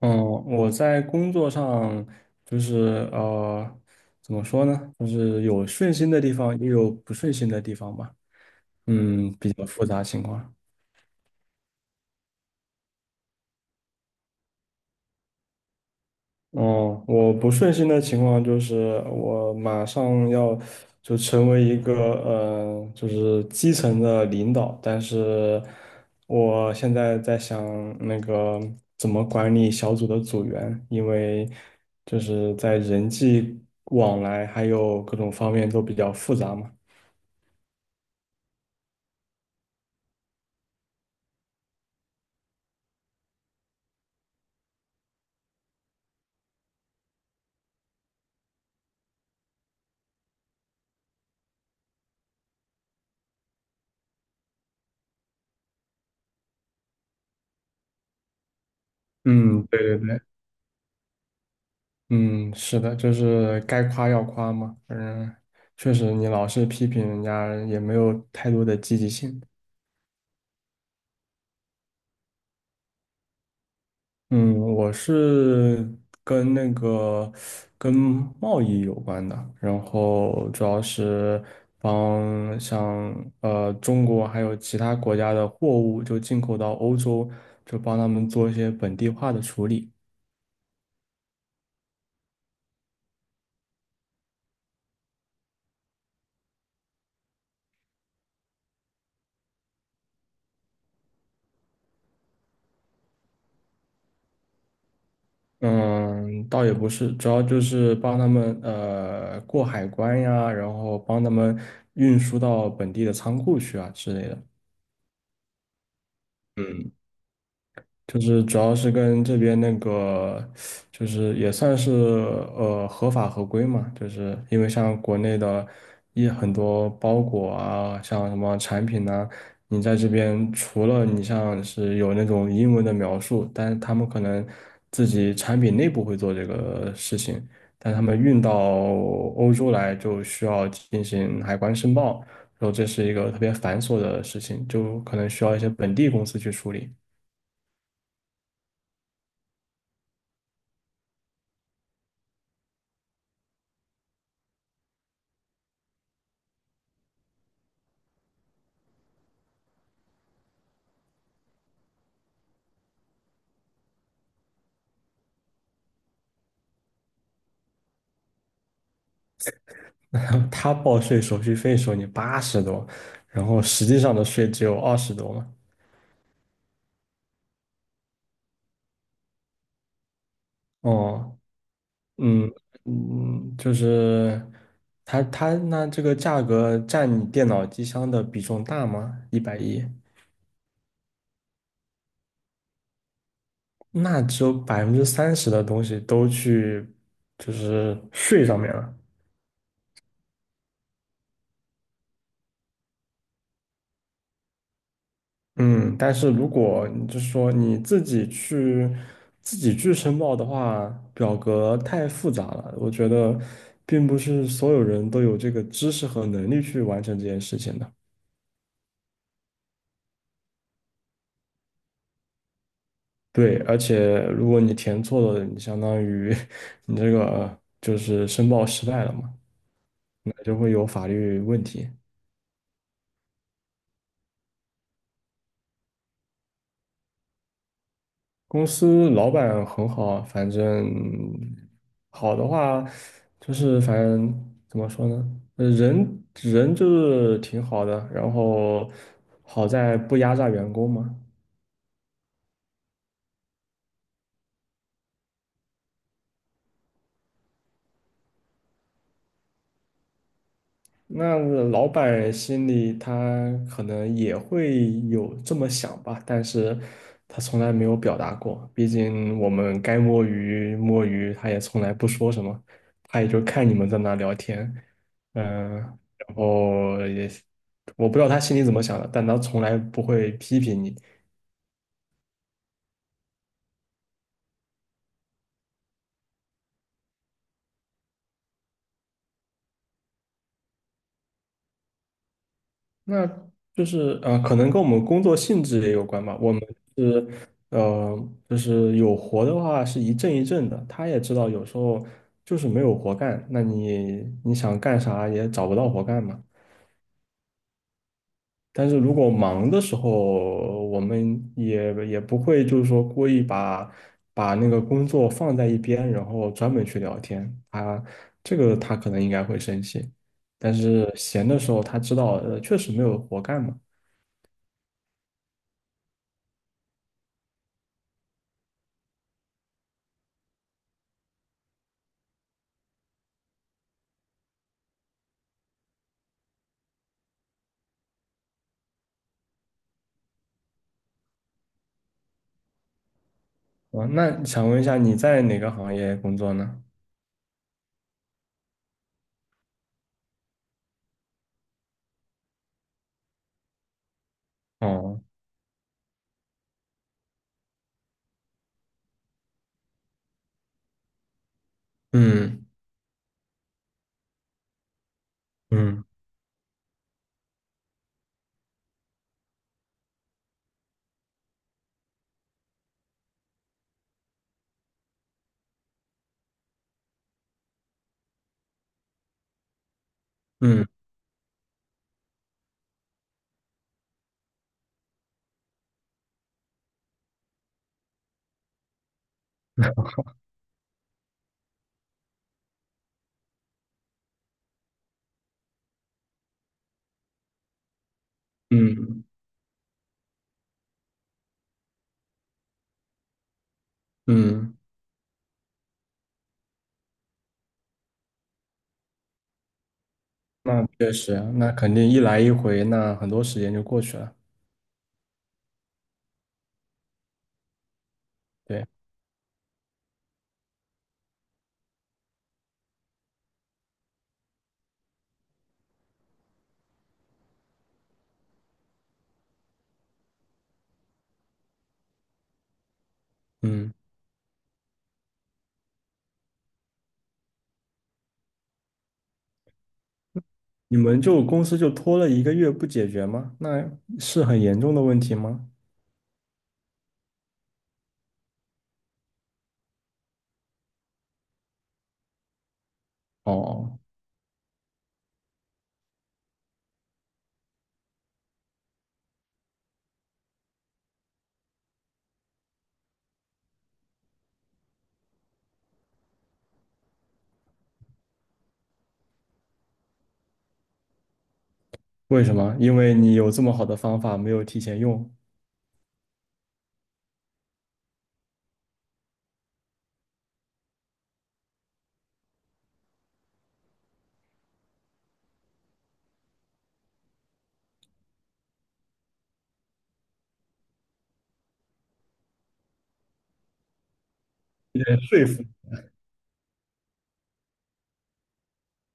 嗯，我在工作上就是怎么说呢？就是有顺心的地方，也有不顺心的地方吧。嗯，比较复杂情况。哦，我不顺心的情况就是我马上要就成为一个就是基层的领导，但是我现在在想那个怎么管理小组的组员，因为就是在人际往来还有各种方面都比较复杂嘛。嗯，对对对，嗯，是的，就是该夸要夸嘛，嗯，确实你老是批评人家也没有太多的积极性。嗯，我是跟那个跟贸易有关的，然后主要是帮像中国还有其他国家的货物就进口到欧洲，就帮他们做一些本地化的处理。嗯，倒也不是，主要就是帮他们过海关呀，然后帮他们运输到本地的仓库去啊之类的。嗯。就是主要是跟这边那个，就是也算是合法合规嘛，就是因为像国内的很多包裹啊，像什么产品呐、你在这边除了你像是有那种英文的描述，但是他们可能自己产品内部会做这个事情，但他们运到欧洲来就需要进行海关申报，然后这是一个特别繁琐的事情，就可能需要一些本地公司去处理。他报税手续费收你80多，然后实际上的税只有20多嘛。哦，嗯嗯，就是他那这个价格占你电脑机箱的比重大吗？110，那只有30%的东西都去就是税上面了。嗯，但是如果你就是说你自己去申报的话，表格太复杂了，我觉得并不是所有人都有这个知识和能力去完成这件事情的。对，而且如果你填错了，你相当于 你这个就是申报失败了嘛，那就会有法律问题。公司老板很好，反正好的话就是反正怎么说呢，人人就是挺好的，然后好在不压榨员工嘛。那老板心里他可能也会有这么想吧，但是他从来没有表达过。毕竟我们该摸鱼摸鱼，他也从来不说什么，他也就看你们在那聊天，嗯、然后也我不知道他心里怎么想的，但他从来不会批评你，那就是可能跟我们工作性质也有关吧。我们是呃，就是有活的话是一阵一阵的。他也知道有时候就是没有活干，那你想干啥也找不到活干嘛。但是如果忙的时候，我们也不会就是说故意把那个工作放在一边，然后专门去聊天。他这个他可能应该会生气，但是闲的时候他知道确实没有活干嘛。哦，那想问一下你在哪个行业工作呢？哦，嗯嗯嗯嗯嗯，那确实啊，那肯定一来一回，那很多时间就过去了。对，嗯，你们就公司就拖了一个月不解决吗？那是很严重的问题吗？哦，为什么？因为你有这么好的方法没有提前用，被说服。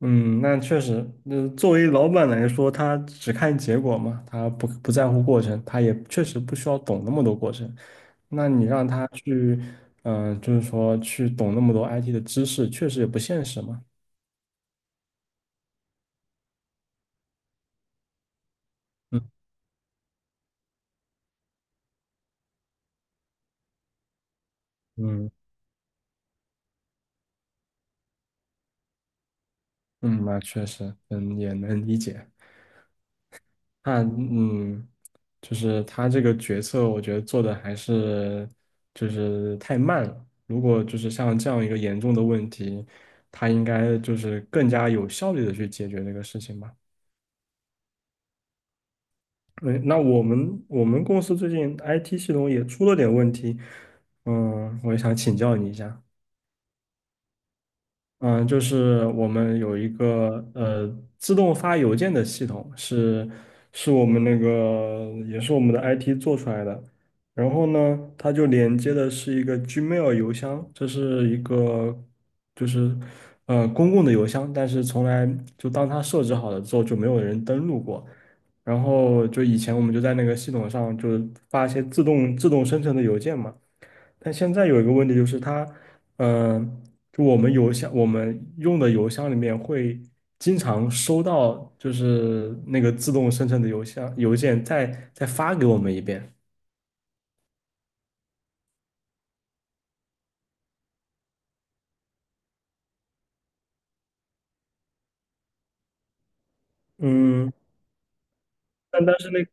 嗯，那确实，作为老板来说，他只看结果嘛，他不在乎过程，他也确实不需要懂那么多过程。那你让他去，就是说去懂那么多 IT 的知识，确实也不现实嘛。嗯嗯嗯，那确实，嗯，也能理解。那就是他这个决策，我觉得做的还是就是太慢了。如果就是像这样一个严重的问题，他应该就是更加有效率的去解决这个事情吧。嗯，那我们公司最近 IT 系统也出了点问题，嗯，我也想请教你一下。嗯，就是我们有一个自动发邮件的系统，是我们那个也是我们的 IT 做出来的。然后呢，它就连接的是一个 Gmail 邮箱，这是一个就是公共的邮箱，但是从来就当它设置好了之后就没有人登录过。然后就以前我们就在那个系统上就是发一些自动生成的邮件嘛。但现在有一个问题就是它，嗯、就我们邮箱，我们用的邮箱里面会经常收到，就是那个自动生成的邮件再发给我们一遍。嗯，但但是那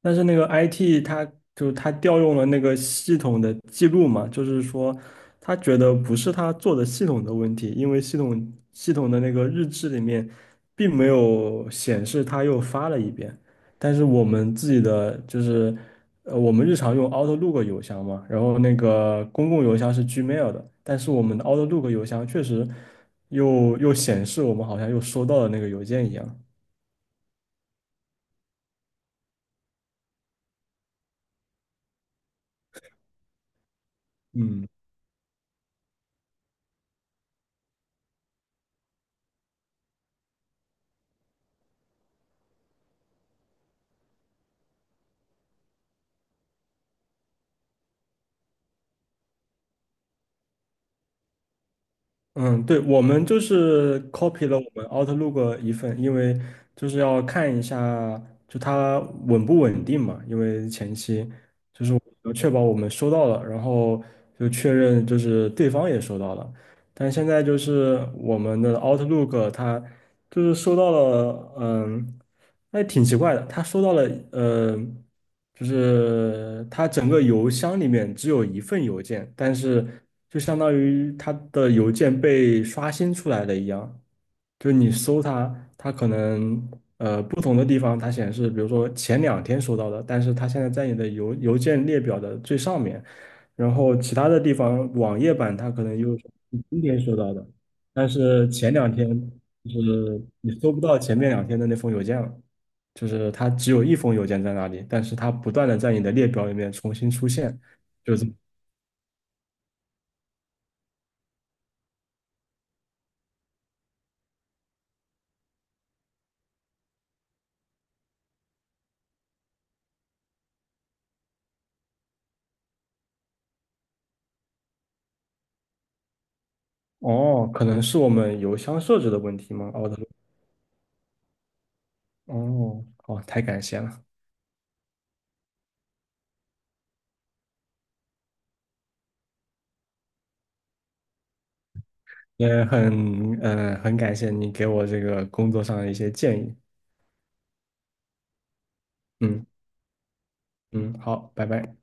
但是那个 IT 它调用了那个系统的记录嘛，就是说他觉得不是他做的系统的问题，因为系统的那个日志里面并没有显示他又发了一遍，但是我们自己的就是我们日常用 Outlook 邮箱嘛，然后那个公共邮箱是 Gmail 的，但是我们的 Outlook 邮箱确实又显示我们好像又收到了那个邮件一样，嗯。嗯，对，我们就是 copy 了我们 Outlook 的一份，因为就是要看一下就它稳不稳定嘛，因为前期要确保我们收到了，然后就确认就是对方也收到了，但现在就是我们的 Outlook，它就是收到了，嗯，那挺奇怪的，它收到了，呃，就是它整个邮箱里面只有一份邮件，但是就相当于它的邮件被刷新出来了一样，就是你搜它，它可能不同的地方它显示，比如说前两天收到的，但是它现在在你的邮件列表的最上面。然后其他的地方网页版它可能又是你今天收到的，但是前两天就是你搜不到前面两天的那封邮件了，就是它只有一封邮件在那里，但是它不断的在你的列表里面重新出现，就是哦，可能是我们邮箱设置的问题吗？哦，他哦，哦，太感谢了，也很感谢你给我这个工作上的一些建议，嗯嗯，好，拜拜。